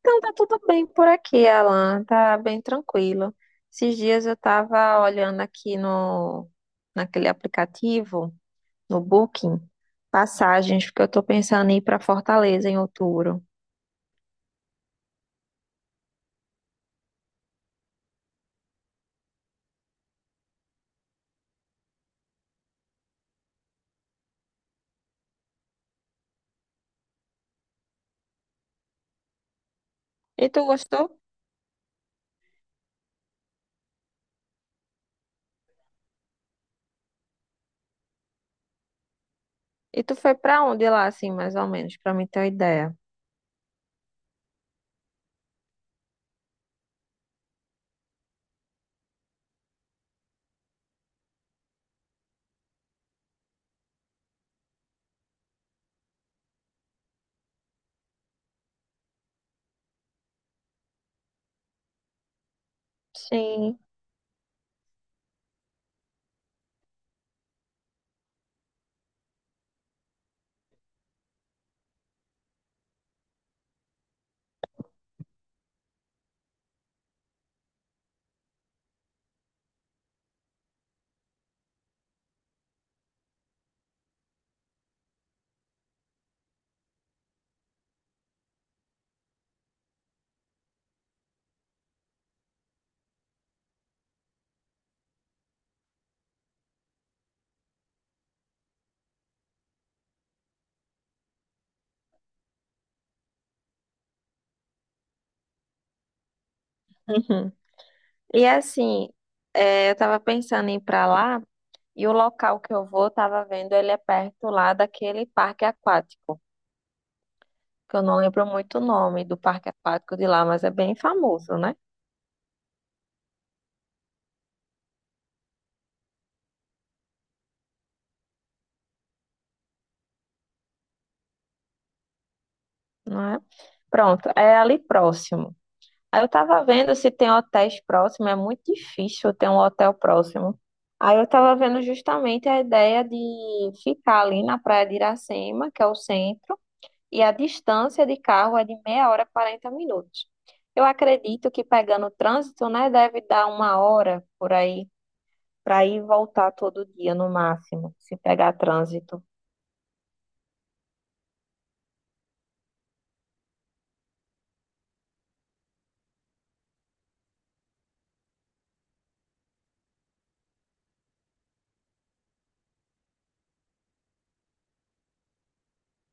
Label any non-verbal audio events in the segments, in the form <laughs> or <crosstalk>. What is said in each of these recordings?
Então, tá tudo bem por aqui, Alan. Tá bem tranquilo. Esses dias eu tava olhando aqui no, naquele aplicativo, no Booking, passagens, porque eu tô pensando em ir pra Fortaleza em outubro. E tu gostou? E tu foi pra onde lá, assim, mais ou menos, pra mim ter uma ideia? Sim. Uhum. E assim, eu tava pensando em ir pra lá, e o local que eu vou, tava vendo, ele é perto lá daquele parque aquático, que eu não lembro muito o nome do parque aquático de lá, mas é bem famoso, né? Não é? Pronto, é ali próximo. Aí eu tava vendo se tem hotéis próximos, é muito difícil ter um hotel próximo. Aí eu tava vendo justamente a ideia de ficar ali na Praia de Iracema, que é o centro, e a distância de carro é de meia hora e 40 minutos. Eu acredito que pegando o trânsito, né, deve dar uma hora por aí, para ir e voltar todo dia no máximo, se pegar trânsito.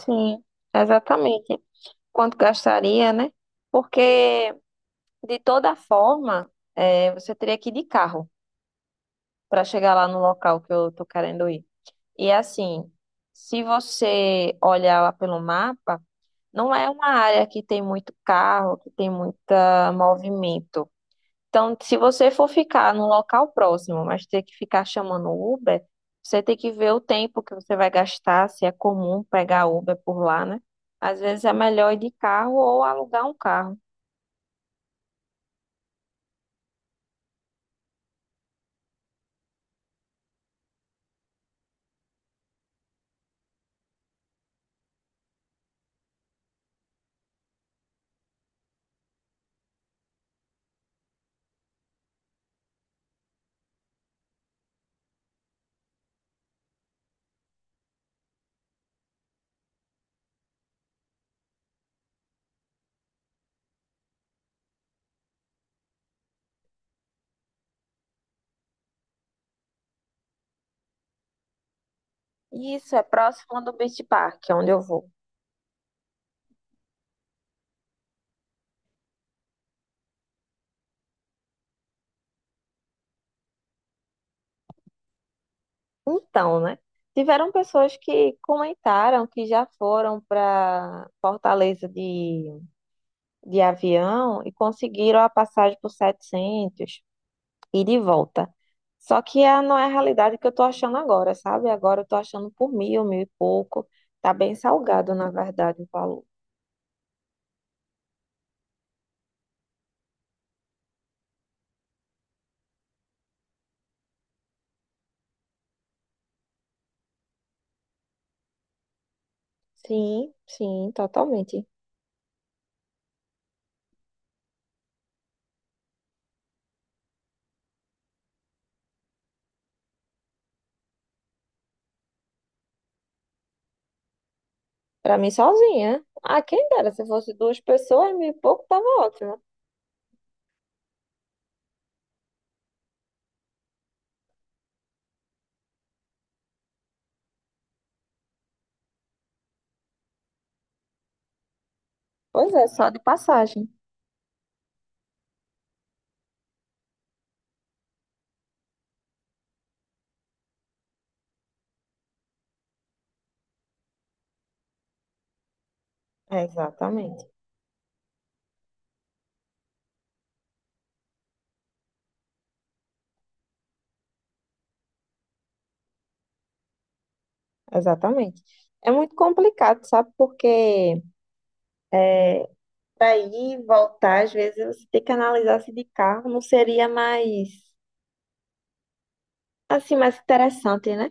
Sim, exatamente. Quanto gastaria, né? Porque, de toda forma, você teria que ir de carro para chegar lá no local que eu tô querendo ir. E assim, se você olhar lá pelo mapa, não é uma área que tem muito carro, que tem muito movimento. Então, se você for ficar num local próximo, mas ter que ficar chamando o Uber, você tem que ver o tempo que você vai gastar, se é comum pegar Uber por lá, né? Às vezes é melhor ir de carro ou alugar um carro. E isso é próximo do Beach Park, onde eu vou. Então, né? Tiveram pessoas que comentaram que já foram para Fortaleza de avião e conseguiram a passagem por 700 e de volta. Só que é, não é a realidade que eu tô achando agora, sabe? Agora eu tô achando por 1.000, 1.000 e pouco. Tá bem salgado, na verdade, o valor. Sim, sim, totalmente. Pra mim sozinha. Ah, quem dera, se fosse duas pessoas, 1.000 e pouco tava ótimo. Pois é, só de passagem. É, exatamente, exatamente. É muito complicado, sabe? Porque é, para ir e voltar, às vezes você tem que analisar se de carro não seria mais, assim, mais interessante, né?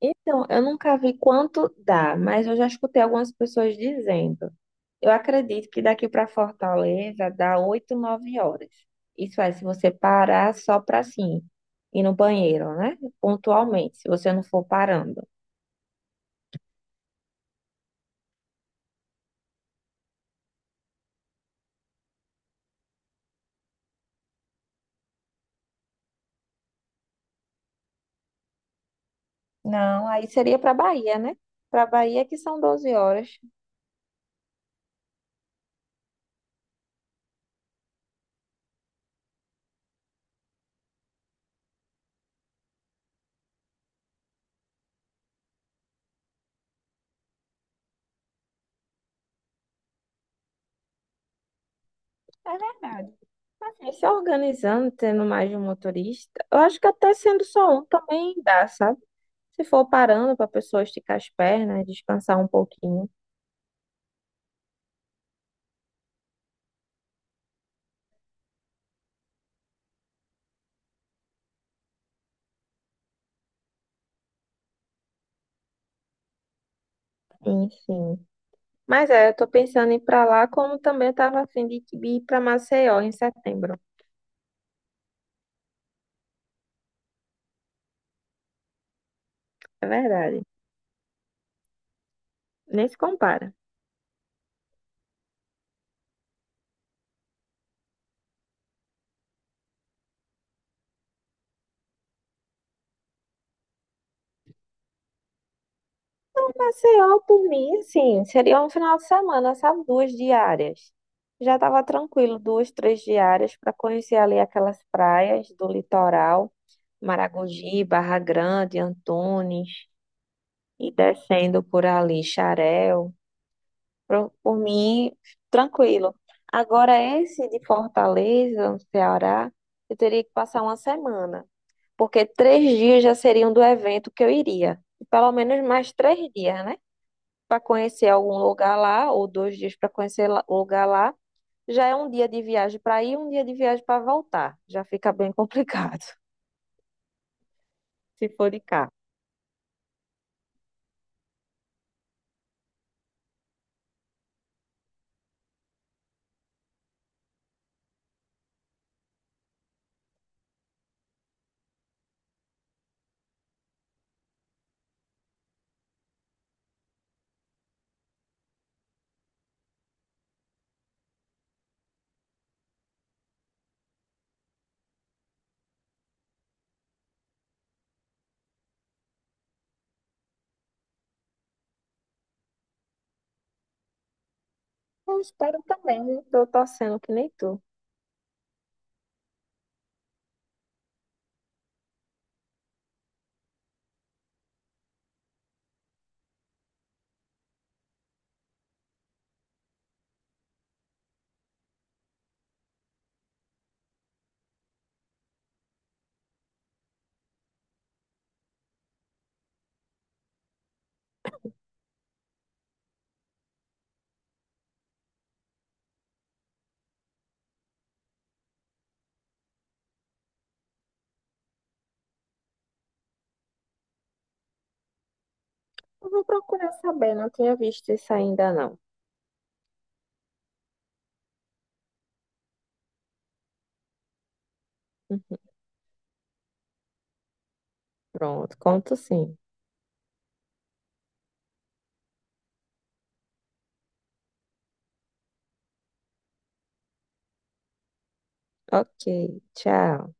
Então, eu nunca vi quanto dá, mas eu já escutei algumas pessoas dizendo. Eu acredito que daqui para Fortaleza dá 8, 9 horas. Isso é, se você parar só para assim ir no banheiro, né? Pontualmente, se você não for parando. Não, aí seria para Bahia, né? Para Bahia que são 12 horas. É verdade. Assim, se organizando, tendo mais de um motorista, eu acho que até sendo só um também dá, sabe? Se for parando para a pessoa esticar as pernas, descansar um pouquinho. Sim, sim. Mas é, eu tô pensando em ir pra lá, como também eu tava a fim de ir pra Maceió em setembro. É verdade. Nem se compara. Maceió, por mim, assim, seria um final de semana, sabe? Duas diárias. Já tava tranquilo, duas, três diárias para conhecer ali aquelas praias do litoral, Maragogi, Barra Grande, Antunes, e descendo por ali, Xarel. Por mim, tranquilo. Agora, esse de Fortaleza, no Ceará, eu teria que passar uma semana, porque 3 dias já seriam do evento que eu iria. E pelo menos mais 3 dias, né? Para conhecer algum lugar lá, ou 2 dias para conhecer o lugar lá. Já é um dia de viagem para ir, um dia de viagem para voltar. Já fica bem complicado, <laughs> se for de cá. Eu espero também, né? Tô torcendo que nem tu. Eu vou procurar saber, não tinha visto isso ainda não. Pronto, conto sim. Ok, tchau.